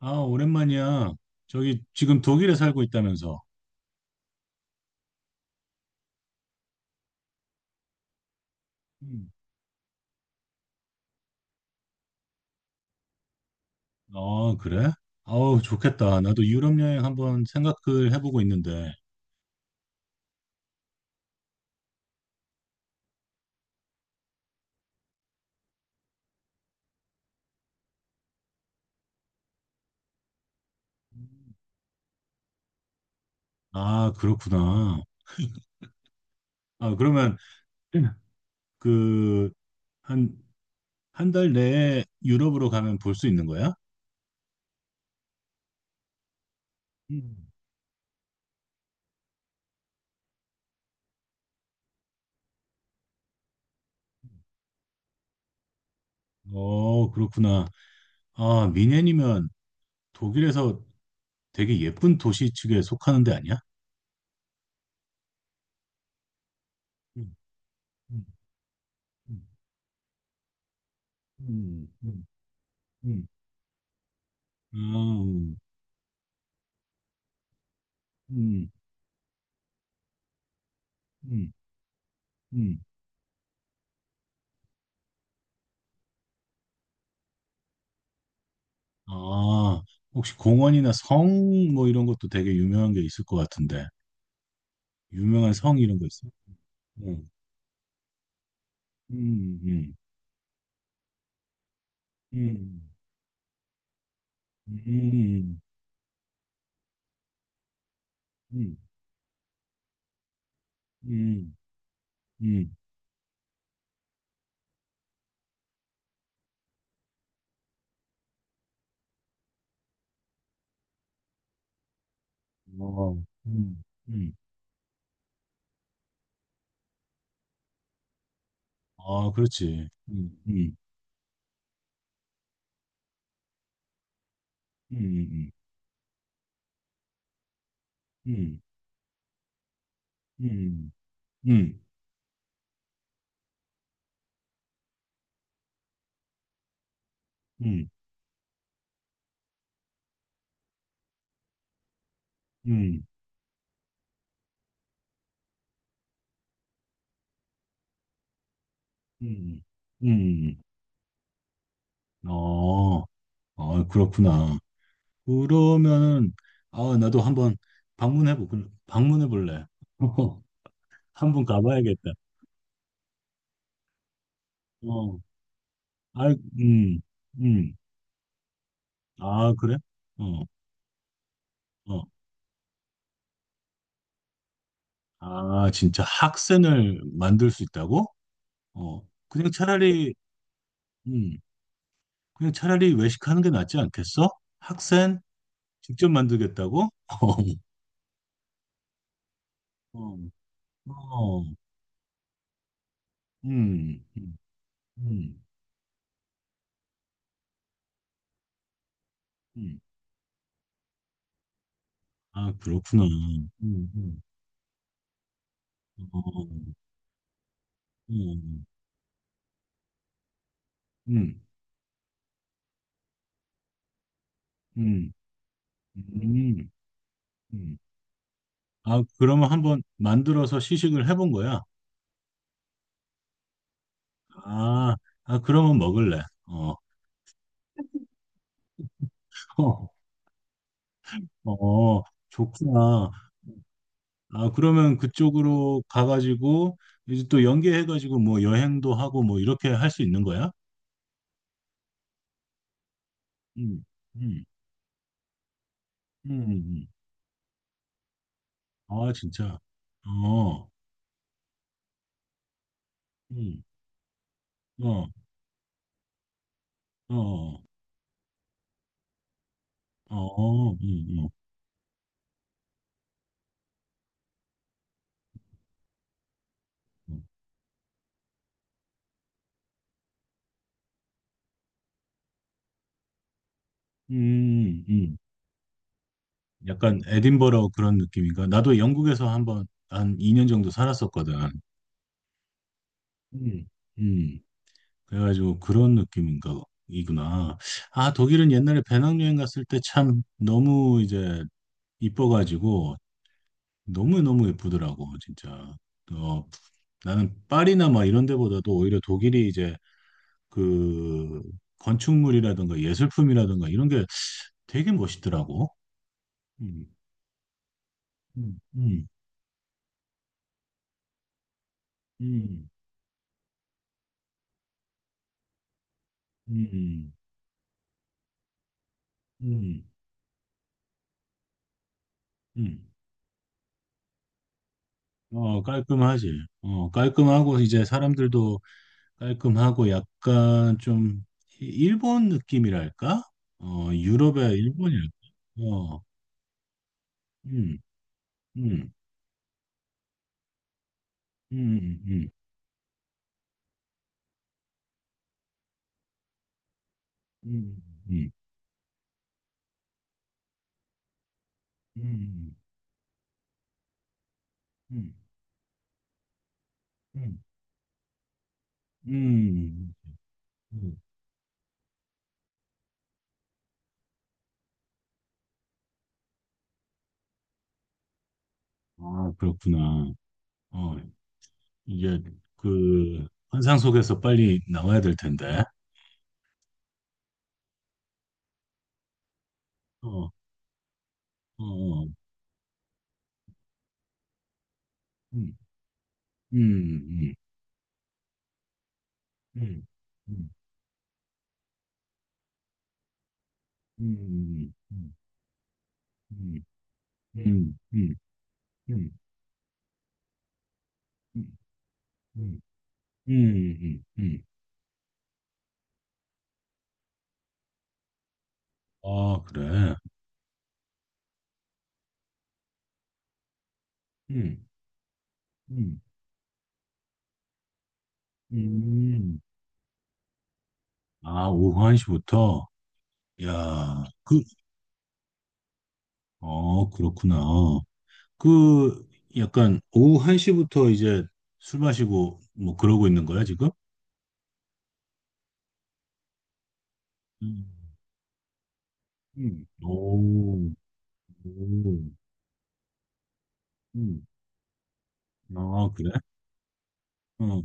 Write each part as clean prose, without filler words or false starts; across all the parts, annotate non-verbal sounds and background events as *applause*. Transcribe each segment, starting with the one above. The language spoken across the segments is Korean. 아, 오랜만이야. 저기 지금 독일에 살고 있다면서. 음. 아, 그래? 아우, 좋겠다. 나도 유럽 여행 한번 생각을 해보고 있는데. 음. 아, 그렇구나. 아, 그러면 그 한 한 달 내에 유럽으로 가면 볼 수 있는 거야? 음. 어, 그렇구나. 아, 미넨이면 독일에서 되게 예쁜 도시 측에 속하는데 아니야? 음, 음, 음, 음, 음, 음. 아, 음, 음, 음, 음. 아, 혹시 공원이나 성 뭐 이런 것도 되게 유명한 게 있을 것 같은데. 유명한 성 이런 거 있어? 응. 음, 음, 음, 음, 음, 음, 음, 어, 음, 음. 아, 그렇지. 음, 음, 음, 음, 음, 음, 음, 음. 어, 아, 그렇구나. 그러면은, 아, 나도 한번 방문해 볼래. *laughs* 한 번 가봐야겠다. 어, 아, 음, 음. 아, 그래? 어, 어. 아, 진짜 학생을 만들 수 있다고? 어, 그냥 차라리, 음, 그냥 차라리 외식하는 게 낫지 않겠어? 학생 직접 만들겠다고? *laughs* 어, 어, 음, 음, 음. 음. 아, 그렇구나. 음, 어, 음, 음, 음, 음, 음. 아, 그러면 한번 만들어서 시식을 해본 거야? 아, 아, 그러면 먹을래. 어, *laughs* 어, 어, 좋구나. 아, 그러면 그쪽으로 가가지고, 이제 또 연계해가지고, 뭐, 여행도 하고, 뭐, 이렇게 할 수 있는 거야? 음, 음, 음. 아, 진짜. 어, 음, 어, 어, 어, 어, 음, 음. 약간 에딘버러 그런 느낌인가? 나도 영국에서 한번, 한 2년 정도 살았었거든. 음, 음. 그래가지고 그런 느낌인가 이구나. 아, 독일은 옛날에 배낭여행 갔을 때 참 너무 이제 이뻐가지고 너무너무 예쁘더라고, 진짜. 어, 나는 파리나 막 이런 데보다도 오히려 독일이 이제 그 건축물이라든가 예술품이라든가 이런 게 되게 멋있더라고. 음, 음, 음, 음, 음, 음, 음. 어, 깔끔하지. 어, 깔끔하고 이제 사람들도 아, 그래. 음, 음, 음. 아, 오후 1시부터? 야, 그, 어, 그렇구나. 그, 약간, 오후 1시부터 이제 술 마시고, 뭐, 그러고 있는 거야, 지금? 음, 오, 오, 음. 아, 그래? 어.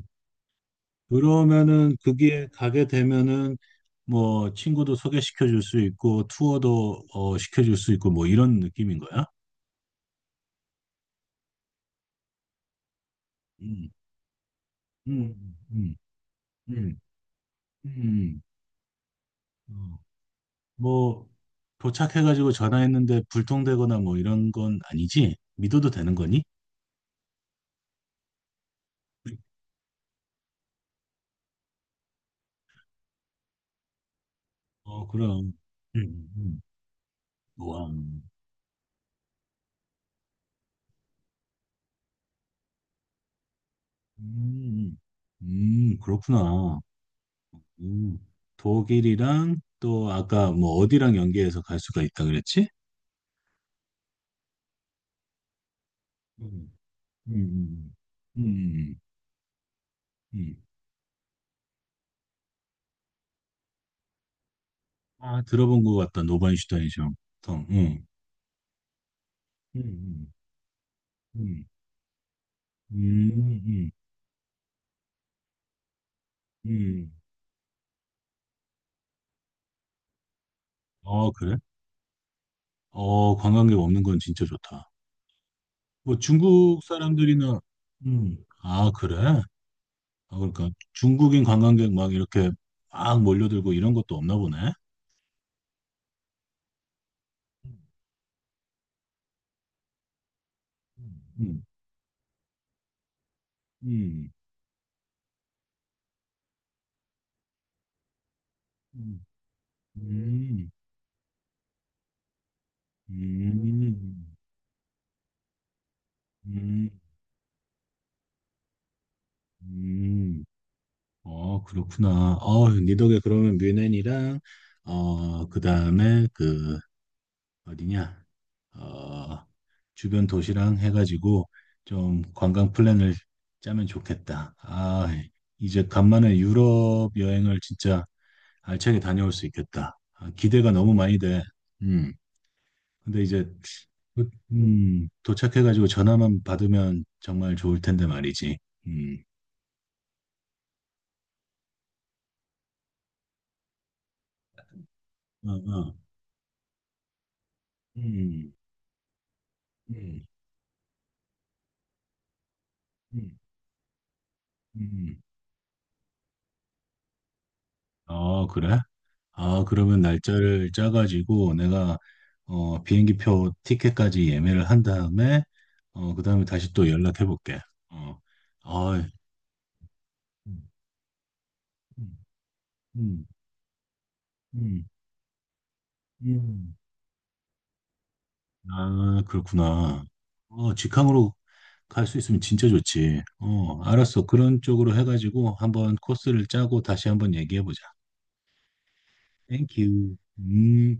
그러면은, 그게 가게 되면은, 뭐, 친구도 소개시켜 줄 수 있고, 투어도, 어, 시켜 줄 수 있고, 뭐, 이런 느낌인 거야? 음, 음, 음. 음. 음, 어, 뭐, 도착해가지고 전화했는데 불통되거나 뭐 이런 건 아니지? 믿어도 되는 거니? 어, 그럼. 음, 음. 우와. 음, 그렇구나. 음, 독일이랑 또 아까 뭐 어디랑 연계해서 갈 수가 있다 그랬지? 음, 음, 음, 음, 음. 음. 아, 들어본 것 같다. 노바인슈타인 정. 음, 음, 음, 음, 음, 음. 음. 어, 그래? 어, 관광객 없는 건 진짜 좋다. 뭐 중국 사람들이나, 아, 그래? 아, 그러니까 중국인 관광객 막 이렇게 막 몰려들고 이런 것도 없나 보네. 음, 음, 음, 음, 음, 음, 음. 음, 음. 어, 그렇구나. 어, 니 덕에 그러면 뮌헨이랑, 어, 그 다음에 그 어디냐? 어, 주변 도시랑 해가지고 좀 관광 플랜을 짜면 좋겠다. 아, 이제 간만에 유럽 여행을 진짜 알차게 다녀올 수 있겠다. 아, 기대가 너무 많이 돼. 음. 근데 이제 도착해가지고 전화만 받으면 정말 좋을 텐데 말이지. 음. 어, 어. 음. 음. 음. 음. 어, 그래? 아, 그러면 날짜를 짜가지고 내가 어, 비행기표 티켓까지 예매를 한 다음에 어, 그다음에 다시 또 연락해 볼게. 어. 아, 음, 음, 음, 음. 아, 그렇구나. 어, 직항으로 갈 수 있으면 진짜 좋지. 어, 알았어. 그런 쪽으로 해가지고 한번 코스를 짜고 다시 한번 얘기해 보자. 땡큐. 음.